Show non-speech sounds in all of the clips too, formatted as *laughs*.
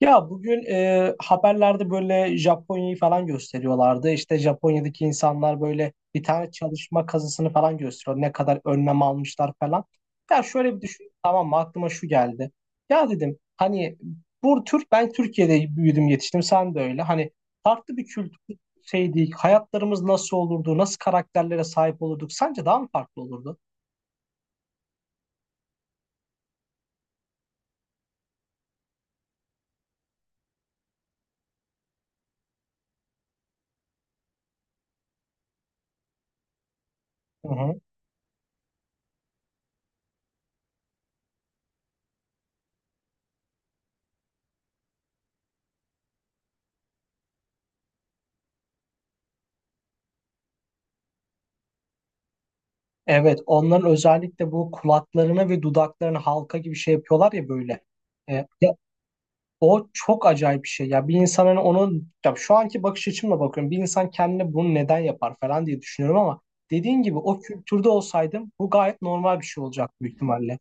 Ya bugün haberlerde böyle Japonya'yı falan gösteriyorlardı. İşte Japonya'daki insanlar böyle bir tane çalışma kazısını falan gösteriyor. Ne kadar önlem almışlar falan. Ya şöyle bir düşün. Tamam mı? Aklıma şu geldi. Ya dedim hani bu Türk ben Türkiye'de büyüdüm yetiştim. Sen de öyle. Hani farklı bir kültür şeydi. Hayatlarımız nasıl olurdu? Nasıl karakterlere sahip olurduk? Sence daha mı farklı olurdu? Evet, onların özellikle bu kulaklarını ve dudaklarını halka gibi şey yapıyorlar ya böyle. Ya, o çok acayip bir şey. Ya bir insan hani onun ya şu anki bakış açımla bakıyorum. Bir insan kendine bunu neden yapar falan diye düşünüyorum ama dediğin gibi o kültürde olsaydım bu gayet normal bir şey olacak büyük ihtimalle.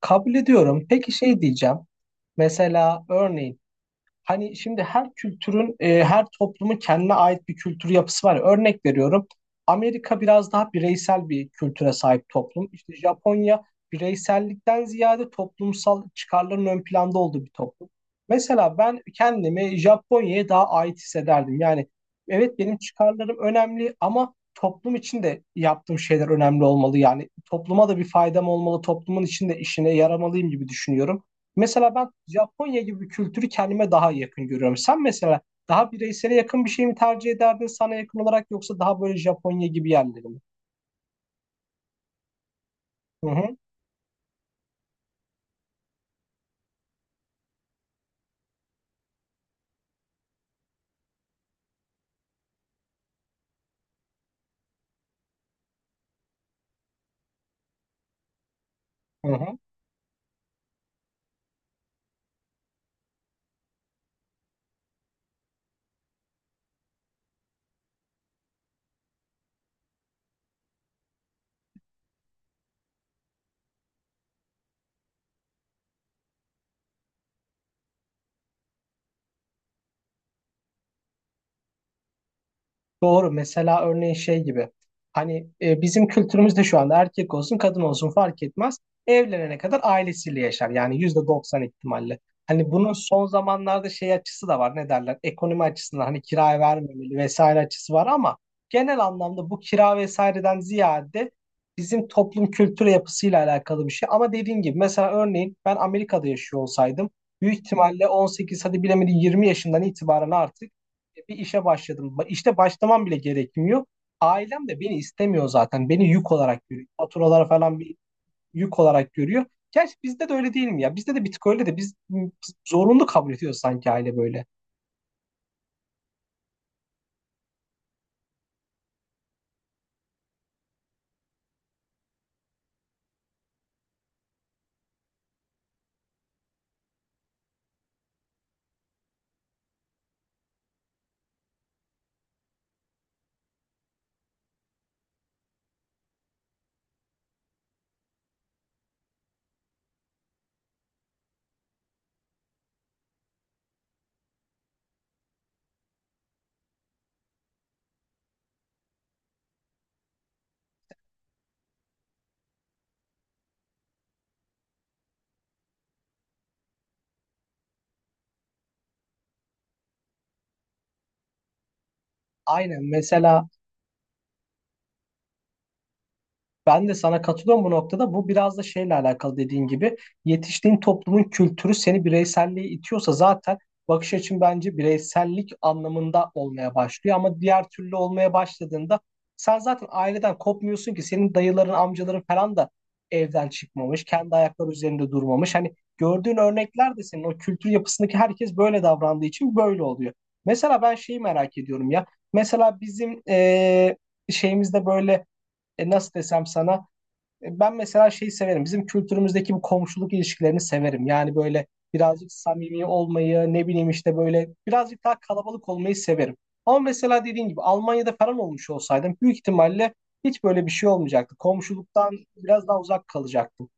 Kabul ediyorum. Peki şey diyeceğim. Mesela örneğin hani şimdi her kültürün, her toplumun kendine ait bir kültür yapısı var. Örnek veriyorum. Amerika biraz daha bireysel bir kültüre sahip toplum. İşte Japonya bireysellikten ziyade toplumsal çıkarların ön planda olduğu bir toplum. Mesela ben kendimi Japonya'ya daha ait hissederdim. Yani evet benim çıkarlarım önemli ama toplum için de yaptığım şeyler önemli olmalı. Yani topluma da bir faydam olmalı, toplumun içinde işine yaramalıyım gibi düşünüyorum. Mesela ben Japonya gibi bir kültürü kendime daha yakın görüyorum. Sen mesela daha bireysele yakın bir şey mi tercih ederdin sana yakın olarak yoksa daha böyle Japonya gibi yerleri mi? Hı hı. Hı hı. Doğru. Mesela örneğin şey gibi. Hani bizim kültürümüzde şu anda erkek olsun kadın olsun fark etmez. Evlenene kadar ailesiyle yaşar. Yani %90 ihtimalle. Hani bunun son zamanlarda şey açısı da var. Ne derler? Ekonomi açısından hani kiraya vermemeli vesaire açısı var ama genel anlamda bu kira vesaireden ziyade bizim toplum kültür yapısıyla alakalı bir şey. Ama dediğin gibi mesela örneğin ben Amerika'da yaşıyor olsaydım büyük ihtimalle 18 hadi bilemedi 20 yaşından itibaren artık bir işe başladım. İşte başlamam bile gerekmiyor. Ailem de beni istemiyor zaten. Beni yük olarak görüyor. Faturalara falan bir yük olarak görüyor. Gerçi bizde de öyle değil mi ya? Bizde de bir tık öyle de biz zorunlu kabul ediyoruz sanki aile böyle. Aynen mesela. Ben de sana katılıyorum bu noktada. Bu biraz da şeyle alakalı dediğin gibi yetiştiğin toplumun kültürü seni bireyselliğe itiyorsa zaten bakış açın bence bireysellik anlamında olmaya başlıyor. Ama diğer türlü olmaya başladığında sen zaten aileden kopmuyorsun ki senin dayıların, amcaların falan da evden çıkmamış, kendi ayakları üzerinde durmamış. Hani gördüğün örnekler de senin o kültür yapısındaki herkes böyle davrandığı için böyle oluyor. Mesela ben şeyi merak ediyorum ya. Mesela bizim şeyimizde böyle, nasıl desem sana, ben mesela şeyi severim. Bizim kültürümüzdeki bu komşuluk ilişkilerini severim. Yani böyle birazcık samimi olmayı, ne bileyim işte böyle birazcık daha kalabalık olmayı severim. Ama mesela dediğin gibi Almanya'da falan olmuş olsaydım büyük ihtimalle hiç böyle bir şey olmayacaktı. Komşuluktan biraz daha uzak kalacaktım.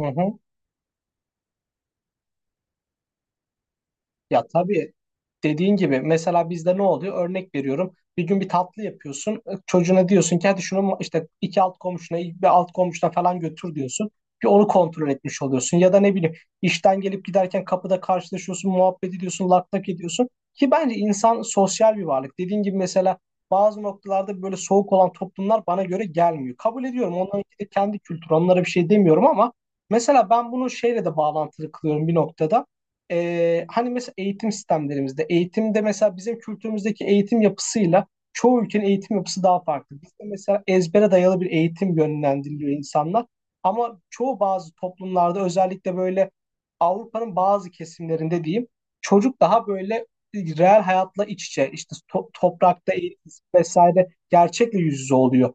Hı hı. Ya tabii dediğin gibi mesela bizde ne oluyor? Örnek veriyorum. Bir gün bir tatlı yapıyorsun. Çocuğuna diyorsun ki hadi şunu işte iki alt komşuna bir alt komşuna falan götür diyorsun. Bir onu kontrol etmiş oluyorsun. Ya da ne bileyim işten gelip giderken kapıda karşılaşıyorsun, muhabbet ediyorsun, lak lak ediyorsun. Ki bence insan sosyal bir varlık. Dediğin gibi mesela bazı noktalarda böyle soğuk olan toplumlar bana göre gelmiyor. Kabul ediyorum. Onların kendi kültürü. Onlara bir şey demiyorum ama mesela ben bunu şeyle de bağlantılı kılıyorum bir noktada. Hani mesela eğitim sistemlerimizde, eğitimde mesela bizim kültürümüzdeki eğitim yapısıyla çoğu ülkenin eğitim yapısı daha farklı. Bizde mesela ezbere dayalı bir eğitim yönlendiriliyor insanlar. Ama çoğu bazı toplumlarda özellikle böyle Avrupa'nın bazı kesimlerinde diyeyim çocuk daha böyle reel hayatla iç içe işte toprakta eğitim vesaire gerçekle yüz yüze oluyor.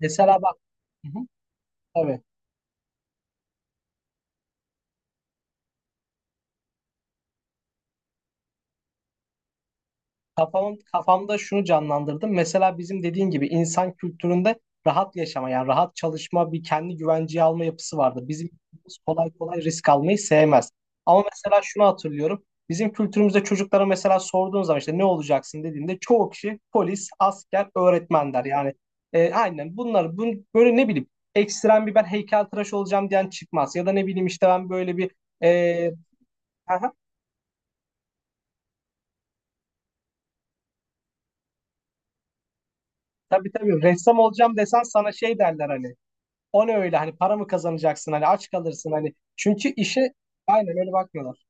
Mesela bak. Hı hı, evet. Kafamda şunu canlandırdım. Mesela bizim dediğin gibi insan kültüründe rahat yaşama yani rahat çalışma bir kendi güvenceye alma yapısı vardı. Bizim kültürümüz kolay kolay risk almayı sevmez. Ama mesela şunu hatırlıyorum. Bizim kültürümüzde çocuklara mesela sorduğun zaman işte ne olacaksın dediğinde çoğu kişi polis, asker, öğretmen der. Yani aynen bunlar bu, böyle ne bileyim ekstrem bir ben heykeltıraş olacağım diyen çıkmaz. Ya da ne bileyim işte ben böyle bir e, aha, tabii tabii ressam olacağım desen sana şey derler hani. O ne öyle hani para mı kazanacaksın hani aç kalırsın hani çünkü işe aynen öyle bakmıyorlar.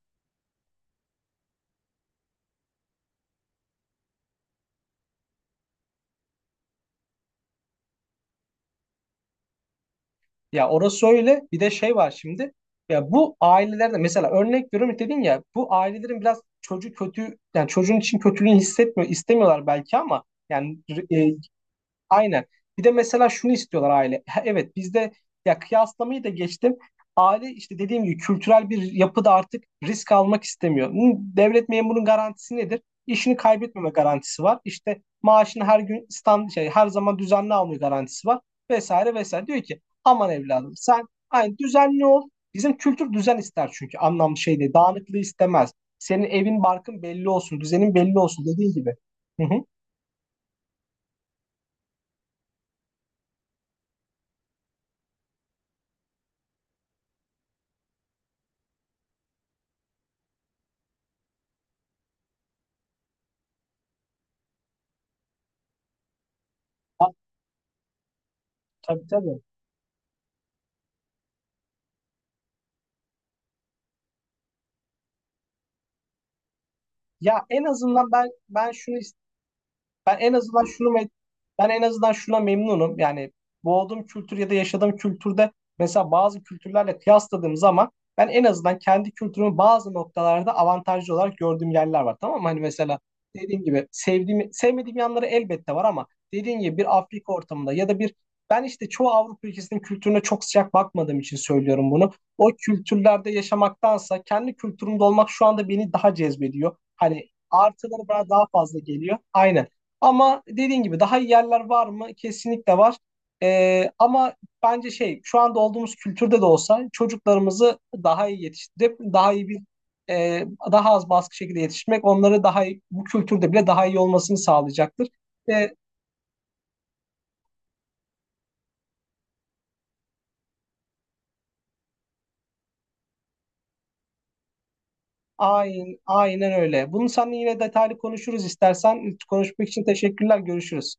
Ya orası öyle bir de şey var şimdi ya bu ailelerde mesela örnek veriyorum dedin ya bu ailelerin biraz çocuğu kötü yani çocuğun için kötülüğünü hissetmiyor istemiyorlar belki ama yani e, aynen. Bir de mesela şunu istiyorlar aile. *laughs* Evet bizde ya kıyaslamayı da geçtim. Aile işte dediğim gibi kültürel bir yapıda artık risk almak istemiyor. Hı, Devlet memurunun garantisi nedir? İşini kaybetmeme garantisi var. İşte maaşını her gün stand şey her zaman düzenli alma garantisi var vesaire vesaire. Diyor ki aman evladım sen aynı düzenli ol. Bizim kültür düzen ister çünkü anlamlı şey değil. Dağınıklığı istemez. Senin evin barkın belli olsun, düzenin belli olsun dediği gibi. Hı hı. Ha, tabii tabii. Ya en azından ben ben şunu is- ben en azından şunu me- ben en azından şuna memnunum. Yani doğduğum kültür ya da yaşadığım kültürde mesela bazı kültürlerle kıyasladığım zaman ben en azından kendi kültürümü bazı noktalarda avantajlı olarak gördüğüm yerler var. Tamam mı? Hani mesela dediğim gibi sevdiğim, sevmediğim yanları elbette var ama dediğim gibi bir Afrika ortamında ya da bir ben işte çoğu Avrupa ülkesinin kültürüne çok sıcak bakmadığım için söylüyorum bunu. O kültürlerde yaşamaktansa kendi kültürümde olmak şu anda beni daha cezbediyor. Hani artıları bana daha fazla geliyor. Aynen. Ama dediğin gibi daha iyi yerler var mı? Kesinlikle var. Ama bence şey şu anda olduğumuz kültürde de olsa çocuklarımızı daha iyi yetiştirip daha iyi bir e, daha az baskı şekilde yetiştirmek onları daha iyi, bu kültürde bile daha iyi olmasını sağlayacaktır. Ve aynen öyle. Bunu seninle yine detaylı konuşuruz istersen. Konuşmak için teşekkürler. Görüşürüz.